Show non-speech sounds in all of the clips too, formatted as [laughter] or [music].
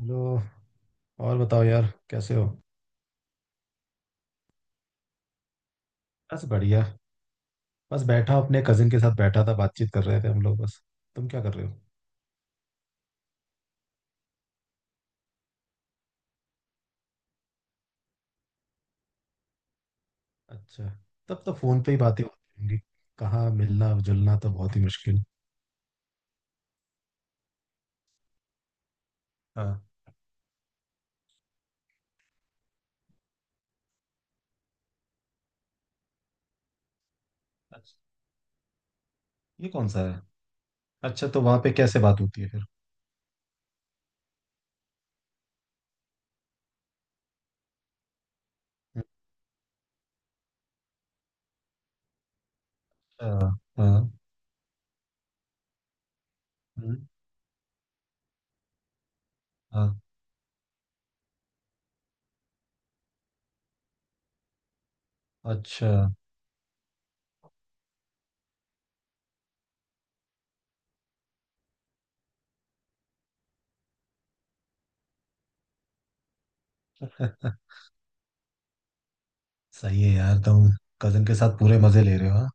Hello. और बताओ यार, कैसे हो? बस बढ़िया। बस बैठा अपने कजिन के साथ, बैठा था बातचीत कर रहे थे हम लोग बस। तुम क्या कर रहे हो? अच्छा, तब तो फोन पे ही बातें होती होंगी। कहाँ, मिलना जुलना तो बहुत ही मुश्किल। हाँ। अच्छा, ये कौन सा है? अच्छा, तो वहाँ पे कैसे बात होती है फिर? अच्छा हाँ। हम्म। हाँ। अच्छा। [laughs] सही है यार, तुम कजिन के साथ पूरे मजे ले रहे हो, हाँ।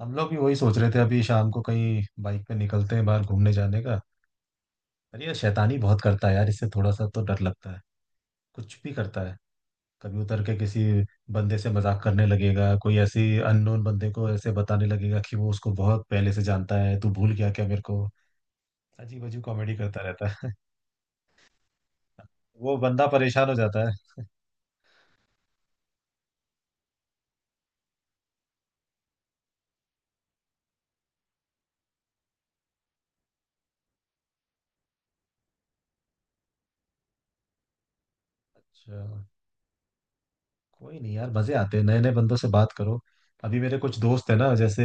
हम लोग भी वही सोच रहे थे, अभी शाम को कहीं बाइक पे निकलते हैं बाहर घूमने जाने का। पर ये शैतानी बहुत करता है यार, इससे थोड़ा सा तो डर लगता है। कुछ भी करता है। कभी उतर के किसी बंदे से मजाक करने लगेगा, कोई ऐसी अननोन बंदे को ऐसे बताने लगेगा कि वो उसको बहुत पहले से जानता है, तू भूल गया क्या मेरे को। अजीब अजीब कॉमेडी करता रहता है। [laughs] वो बंदा परेशान हो जाता है। अच्छा। कोई नहीं यार, मजे आते हैं नए नए बंदों से बात करो। अभी मेरे कुछ दोस्त है ना, जैसे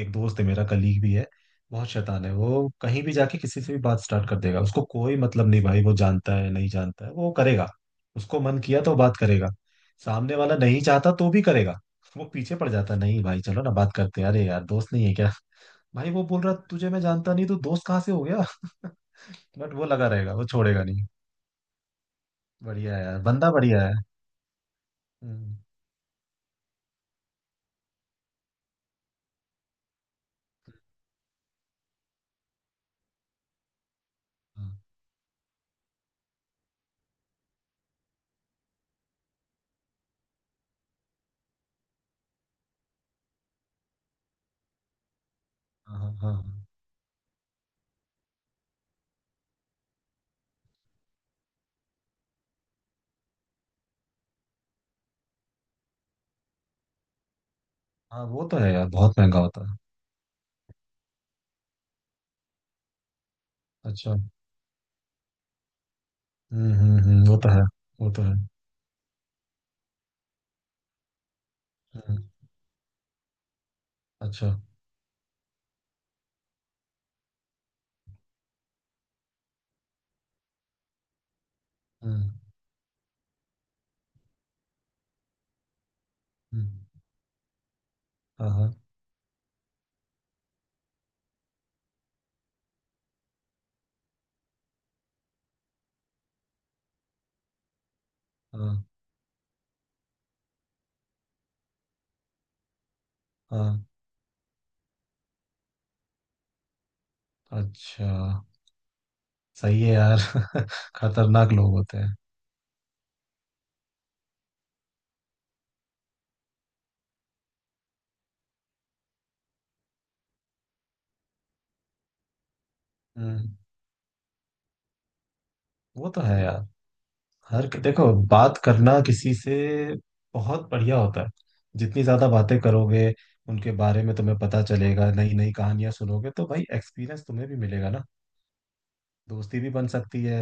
एक दोस्त है मेरा, कलीग भी है। बहुत शैतान है वो, कहीं भी जाके किसी से भी बात स्टार्ट कर देगा, उसको कोई मतलब नहीं भाई, वो जानता है नहीं जानता है वो करेगा। उसको मन किया तो बात करेगा। सामने वाला नहीं चाहता तो भी करेगा। वो पीछे पड़ जाता है, नहीं भाई चलो ना बात करते हैं, अरे यार दोस्त नहीं है क्या। भाई वो बोल रहा तुझे मैं जानता नहीं, तो दोस्त कहाँ से हो गया? [laughs] बट वो लगा रहेगा, वो छोड़ेगा नहीं। बढ़िया है यार, बंदा बढ़िया है। हम्म। हाँ हाँ हाँ। हाँ। हाँ वो तो है यार, बहुत महंगा होता है। अच्छा। हम्म, वो तो है। वो तो है। हम्म। अच्छा। हम्म। हम्म। हाँ हाँ। हाँ हाँ। अच्छा। सही है यार। [laughs] खतरनाक लोग होते हैं। हम्म। वो तो है यार। हर देखो, बात करना किसी से बहुत बढ़िया होता है। जितनी ज्यादा बातें करोगे, उनके बारे में तुम्हें पता चलेगा, नई नई कहानियां सुनोगे, तो भाई एक्सपीरियंस तुम्हें भी मिलेगा ना। दोस्ती भी बन सकती है।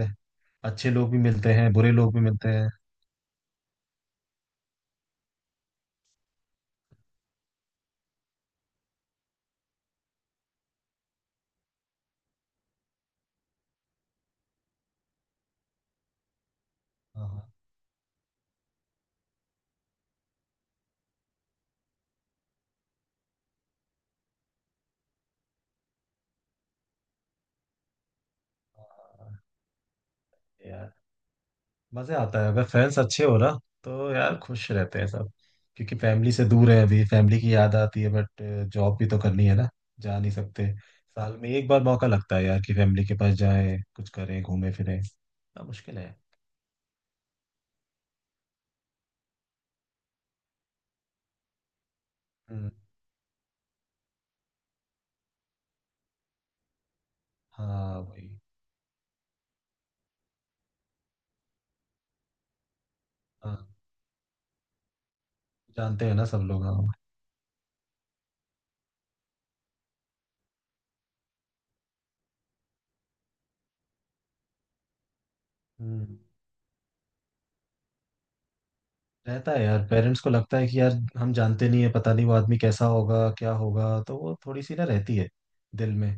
अच्छे लोग भी मिलते हैं, बुरे लोग भी मिलते हैं। हाँ हाँ। हाँ। यार मजे आता है अगर फ्रेंड्स अच्छे हो ना, तो यार खुश रहते हैं सब। क्योंकि फैमिली से दूर है, अभी फैमिली की याद आती है, बट जॉब भी तो करनी है ना, जा नहीं सकते। साल में एक बार मौका लगता है यार कि फैमिली के पास जाएं, कुछ करें घूमें फिरें ना, मुश्किल है। हम्म। हाँ वही। हाँ, जानते हैं ना सब लोग, हाँ। हम्म। रहता है यार, पेरेंट्स को लगता है कि यार हम जानते नहीं है, पता नहीं वो आदमी कैसा होगा क्या होगा, तो वो थोड़ी सी ना रहती है दिल में।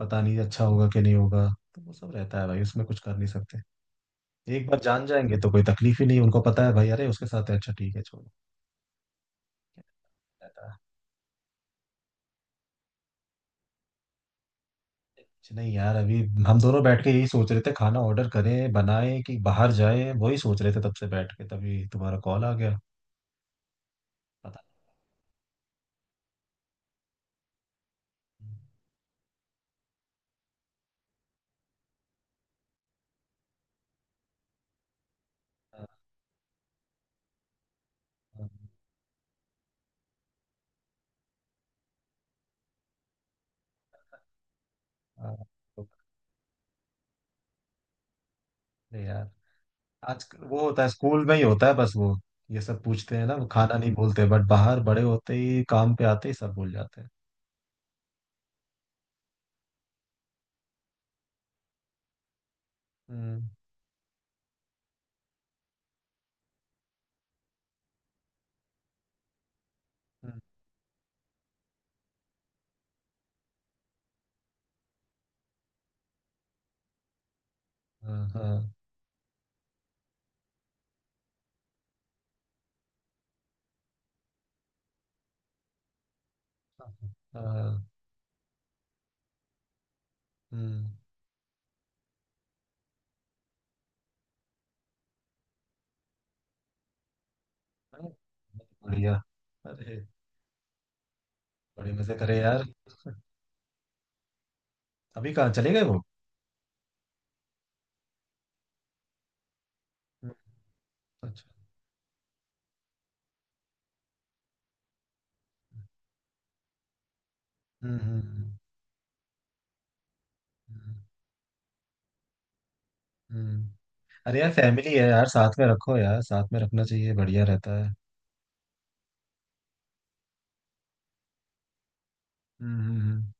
पता नहीं अच्छा होगा कि नहीं होगा। तो वो सब रहता है भाई, उसमें कुछ कर नहीं सकते। एक बार जान जाएंगे तो कोई तकलीफ ही नहीं, उनको पता है भाई, अरे उसके साथ है, अच्छा ठीक है, छोड़ो, क्या रहता है। कुछ नहीं यार, अभी हम दोनों बैठ के यही सोच रहे थे, खाना ऑर्डर करें बनाएं कि बाहर जाएं, वही सोच रहे थे तब से बैठ के, तभी तुम्हारा कॉल आ गया। पता नहीं। हाँ, हाँ, हाँ, तो अरे यार, आज वो होता है स्कूल में ही होता है बस वो, ये सब पूछते हैं ना वो, खाना नहीं बोलते बट बाहर बड़े होते ही, काम पे आते ही सब भूल जाते हैं। हम्म हम्म, हाँ हाँ हाँ, हम्म। हाँ, बढ़िया। अरे, बड़े मजे करे यार। अभी कहाँ चले गए वो? हम्म। अच्छा। हम्म हम्म हम्म। हम्म। अरे यार, फैमिली है यार, साथ में रखो यार, साथ में रखना चाहिए, बढ़िया रहता है। हम्म।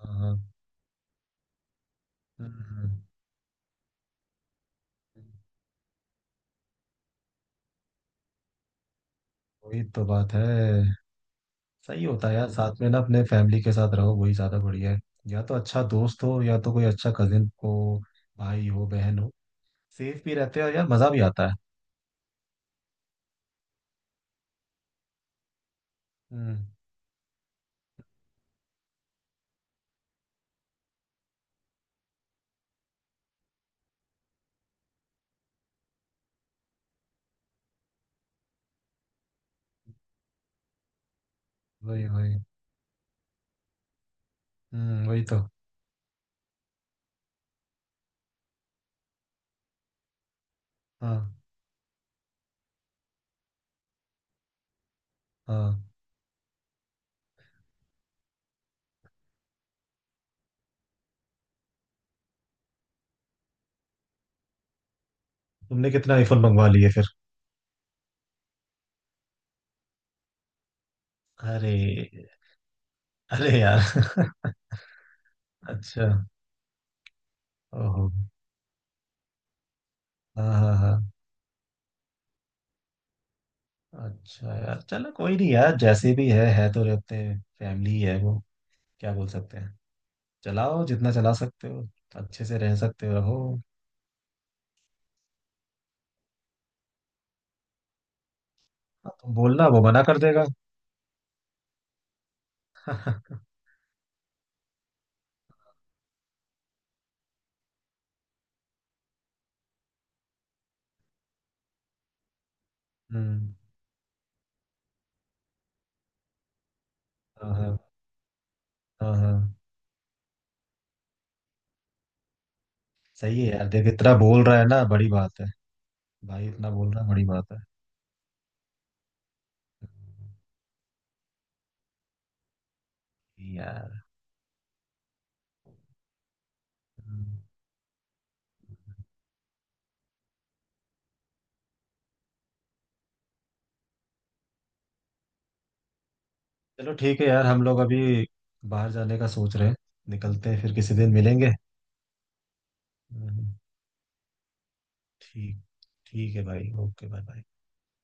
हाँ। हम्म। वही तो बात है। सही होता है यार, साथ में ना अपने फैमिली के साथ रहो, वही ज्यादा बढ़िया है। या तो अच्छा दोस्त हो या तो कोई अच्छा कजिन हो, भाई हो बहन हो, सेफ भी रहते हो यार, मजा भी आता है। हम्म, वही वही। हम्म, वही तो। हाँ हाँ। तुमने कितने आईफोन मंगवा लिए फिर? अरे। अरे यार। [laughs] अच्छा। ओहो। हाँ हाँ हाँ। अच्छा यार, चलो कोई नहीं यार, जैसे भी है, तो रहते हैं, फैमिली ही है वो, क्या बोल सकते हैं। चलाओ जितना चला सकते हो, अच्छे से रह सकते हो रहो। हाँ, तुम बोलना वो मना कर देगा। हम्म। हाँ हाँ। हाँ हाँ। सही है यार, देख इतना बोल रहा है ना, बड़ी बात है। भाई इतना बोल रहा है, बड़ी बात है। यार। हम्म। चलो ठीक है यार, हम लोग अभी बाहर जाने का सोच रहे हैं, निकलते हैं, फिर किसी दिन मिलेंगे। हम्म, ठीक। ठीक है भाई, ओके बाय बाय।